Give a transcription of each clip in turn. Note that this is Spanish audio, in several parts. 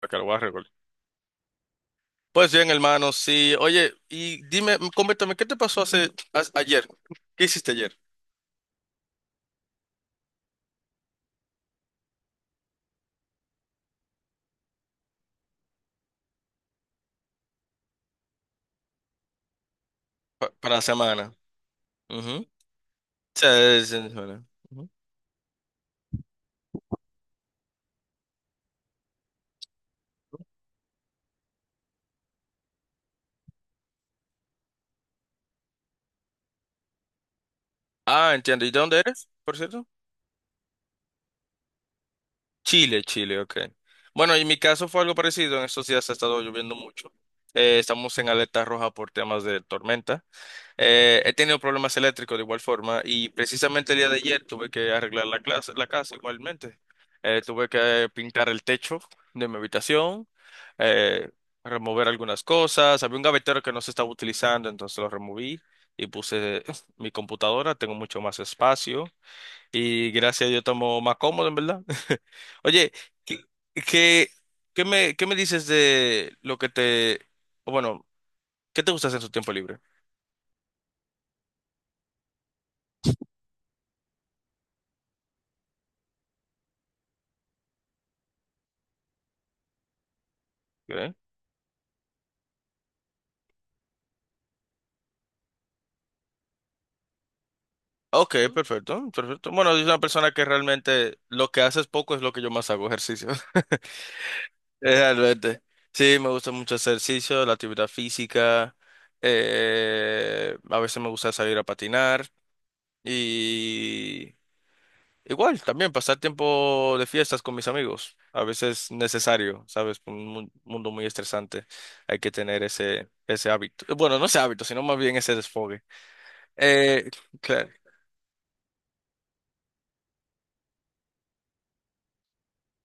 Acá lo voy a recordar. Pues bien, hermano, sí. Oye, y dime, coméntame, ¿qué te pasó hace ayer? ¿Qué hiciste ayer? Para la semana. Ujú. Sí, sí, sí, bueno. Ujú. Ah, entiendo. ¿Y de dónde eres, por cierto? Chile, Chile, ok. Bueno, en mi caso fue algo parecido. En estos días ha estado lloviendo mucho. Estamos en alerta roja por temas de tormenta. He tenido problemas eléctricos de igual forma y precisamente el día de ayer tuve que arreglar la clase, la casa igualmente. Tuve que pintar el techo de mi habitación, eh, remover algunas cosas. Había un gavetero que no se estaba utilizando, entonces lo removí y puse mi computadora. Tengo mucho más espacio y gracias a Dios estamos más cómodo, en verdad. Oye, ¿qué, qué, qué me dices de lo que te, o bueno, qué te gusta hacer en tu tiempo libre? Ok, perfecto, perfecto. Bueno, soy una persona que realmente lo que hace es poco es lo que yo más hago, ejercicio. Realmente. Sí, me gusta mucho hacer ejercicio, la actividad física. A veces me gusta salir a patinar. Y igual, también pasar tiempo de fiestas con mis amigos. A veces necesario, ¿sabes? Un mundo muy estresante. Hay que tener ese hábito. Bueno, no ese hábito, sino más bien ese desfogue. Eh, claro.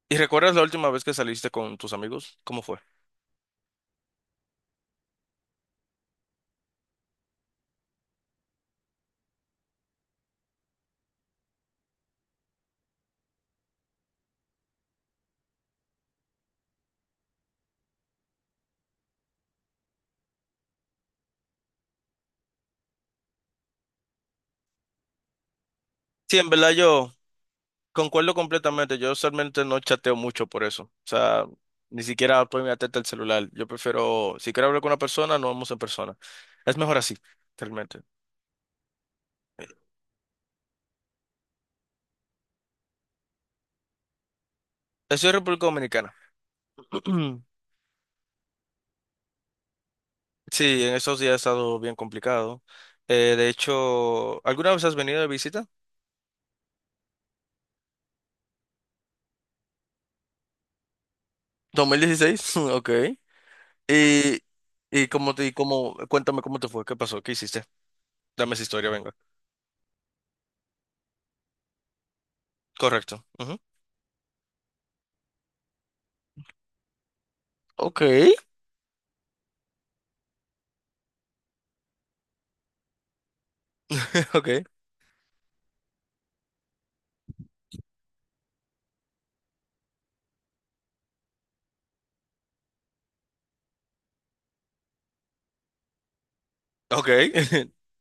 ¿Y recuerdas la última vez que saliste con tus amigos? ¿Cómo fue? Sí, en verdad yo concuerdo completamente. Yo usualmente no chateo mucho por eso. O sea, ni siquiera estoy mi atenta al celular. Yo prefiero, si quiero hablar con una persona, nos vemos en persona. Es mejor así, realmente. Estoy en República Dominicana. Sí, en esos días ha estado bien complicado. De hecho, ¿alguna vez has venido de visita? 2016, ok. Y, y cómo te, y cómo, cuéntame cómo te fue, qué pasó, qué hiciste. Dame esa historia, venga. Correcto. Ok, ok, ok.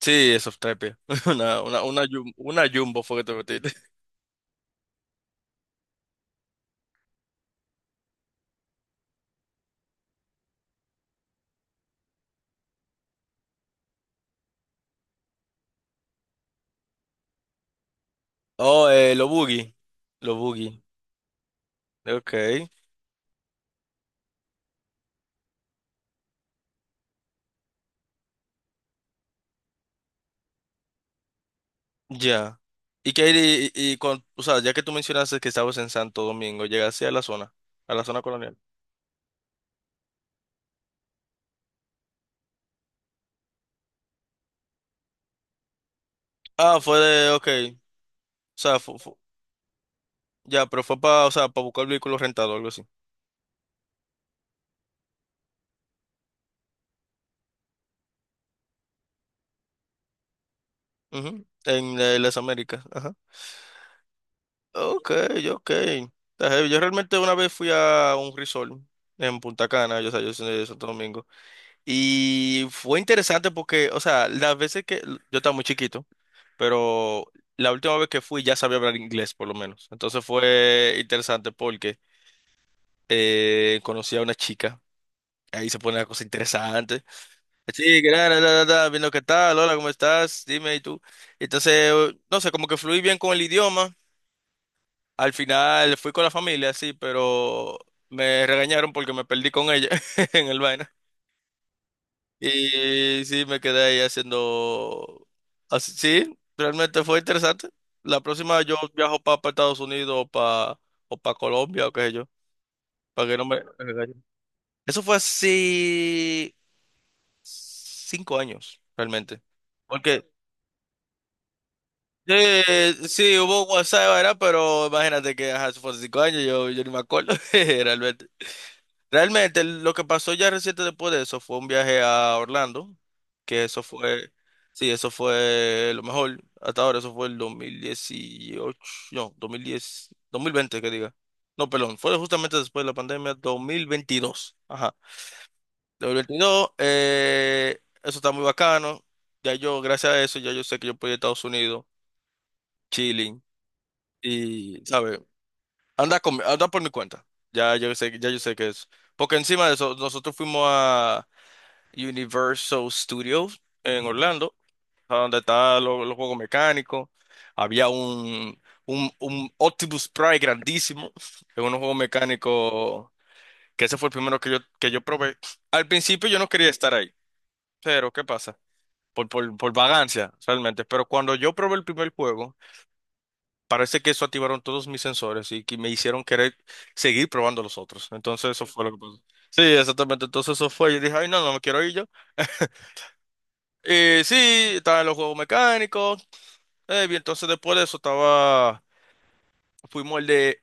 Sí, es Softrapia. Una, una jumbo fue que te metiste. Oh, lo boogie. Lo boogie. Ok, ya. Y que o sea, ya que tú mencionaste que estabas en Santo Domingo, llegaste a la zona colonial. Ah, fue de, ok. O sea, ya, pero fue para, o sea, para buscar vehículos rentados o algo así. Ujú. En, las Américas. Ajá. Ok, ok. Está heavy. Yo realmente una vez fui a un resort en Punta Cana, yo, o sea, yo soy de Santo Domingo, y fue interesante porque, o sea, las veces que yo estaba muy chiquito, pero la última vez que fui ya sabía hablar inglés por lo menos. Entonces fue interesante porque conocí a una chica, ahí se pone la cosa interesante. Sí, que viendo qué tal, hola, ¿cómo estás? Dime, ¿y tú? Entonces, no sé, como que fluí bien con el idioma. Al final fui con la familia, sí, pero me regañaron porque me perdí con ella en el vaina. Y sí, me quedé ahí haciendo... así- Sí, realmente fue interesante. La próxima yo viajo para Estados Unidos o para o pa Colombia o qué sé yo, para que no me regañen. Eso fue así 5 años, realmente. Porque sí, hubo WhatsApp, ¿verdad? Pero imagínate que ajá, eso fue hace 5 años, yo ni me acuerdo, realmente. Realmente lo que pasó ya reciente después de eso fue un viaje a Orlando, que eso fue, sí, eso fue lo mejor hasta ahora, eso fue el 2018, no, 2010, 2020 que diga. No, perdón, fue justamente después de la pandemia, 2022. Ajá. 2022, eso está muy bacano. Ya yo, gracias a eso, ya yo sé que yo puedo ir a Estados Unidos, chilling, y, ¿sabes? Anda, con, anda por mi cuenta. Ya yo sé que es. Porque encima de eso, nosotros fuimos a Universal Studios en Orlando, a donde estaban los juegos mecánicos. Había un Optimus Prime grandísimo, en unos juegos mecánicos, que ese fue el primero que yo probé. Al principio yo no quería estar ahí, pero ¿qué pasa? Por vagancia, realmente. Pero cuando yo probé el primer juego, parece que eso activaron todos mis sensores y que me hicieron querer seguir probando los otros. Entonces eso fue lo que pasó. Sí, exactamente. Entonces eso fue. Yo dije, ay, no, no me quiero ir yo. Sí, estaban los juegos mecánicos. Bien, entonces después de eso estaba, fuimos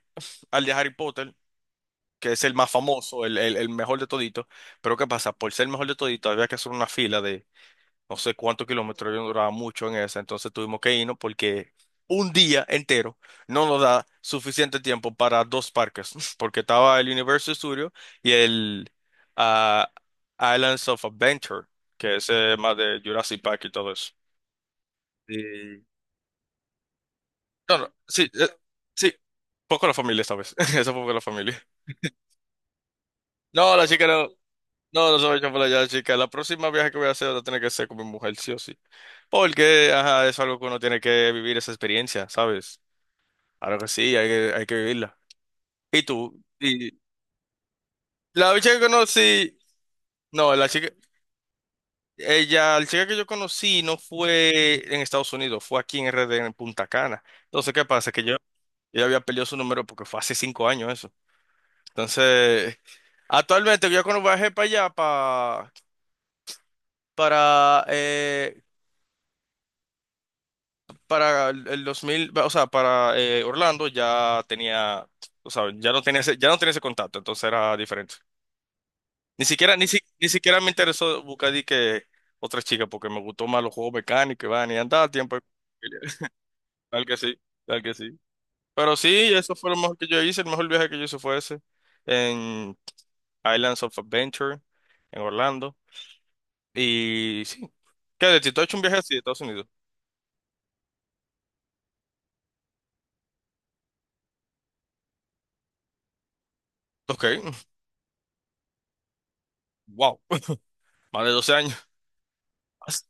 al de Harry Potter, que es el más famoso, el mejor de todito. Pero ¿qué pasa? Por ser el mejor de todito había que hacer una fila de no sé cuántos kilómetros, yo no duraba mucho en esa, entonces tuvimos que irnos porque un día entero no nos da suficiente tiempo para dos parques, porque estaba el Universal Studio y el ah, Islands of Adventure, que es más de Jurassic Park y todo eso. Sí. No, no, sí, sí, poco la familia esta vez, eso poco la familia. No, la chica no, no, no se va a echar por allá, chica. La próxima viaje que voy a hacer va a tener que ser con mi mujer, sí o sí. Porque, ajá, es algo que uno tiene que vivir esa experiencia, ¿sabes? Claro que sí, hay que vivirla. ¿Y tú? Y la chica que conocí, no, la chica, ella, la chica que yo conocí no fue en Estados Unidos, fue aquí en RD, en Punta Cana. Entonces, ¿qué pasa? Que yo había perdido su número porque fue hace cinco años eso. Entonces, actualmente yo cuando viajé para allá, para, eh, para el 2000, o sea, para Orlando ya tenía, o sea, ya no tenía ese, ya no tenía ese contacto, entonces era diferente. Ni siquiera, ni siquiera me interesó buscar di que otra chica, porque me gustó más los juegos mecánicos, y van y andaba a tiempo. Tal que sí, tal que sí. Pero sí, eso fue lo mejor que yo hice, el mejor viaje que yo hice fue ese, en Islands of Adventure, en Orlando. Y sí. ¿Qué? ¿De ti tú has hecho un viaje así de Estados Unidos? Ok. Wow. Más de 12 años. As-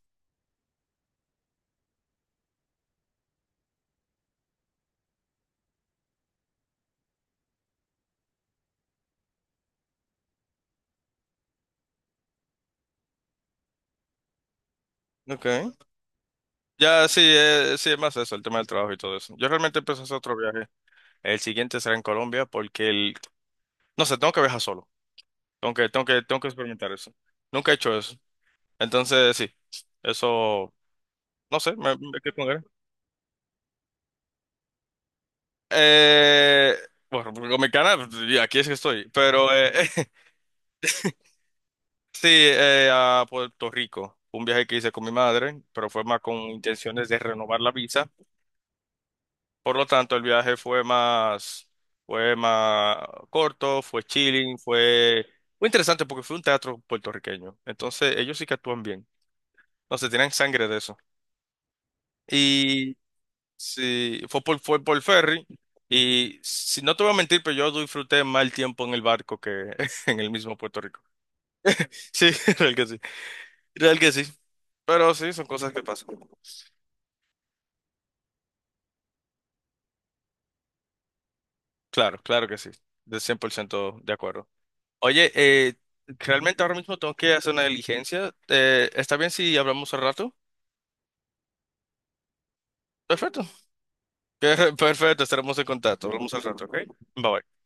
Ok. Ya sí, sí, es más eso, el tema del trabajo y todo eso. Yo realmente empecé a hacer otro viaje. El siguiente será en Colombia porque el... No sé, tengo que viajar solo. Tengo que, experimentar eso. Nunca he hecho eso. Entonces, sí. Eso, no sé, me quedé con ganas. Eh, bueno, con mi canal, y aquí es que estoy. Pero, Sí, a Puerto Rico. Fue un viaje que hice con mi madre, pero fue más con intenciones de renovar la visa. Por lo tanto, el viaje fue más corto, fue chilling, fue interesante porque fue un teatro puertorriqueño. Entonces, ellos sí que actúan bien. No se tienen sangre de eso. Y sí, fue por ferry. Y si no te voy a mentir, pero yo disfruté más el tiempo en el barco que en el mismo Puerto Rico. Sí, real que sí. Real que sí. Pero sí, son cosas que pasan. Claro, claro que sí. De 100% de acuerdo. Oye, realmente ahora mismo tengo que hacer una diligencia. ¿Está bien si hablamos al rato? Perfecto. Perfecto, estaremos en contacto. Hablamos al rato, ¿ok? Bye bye.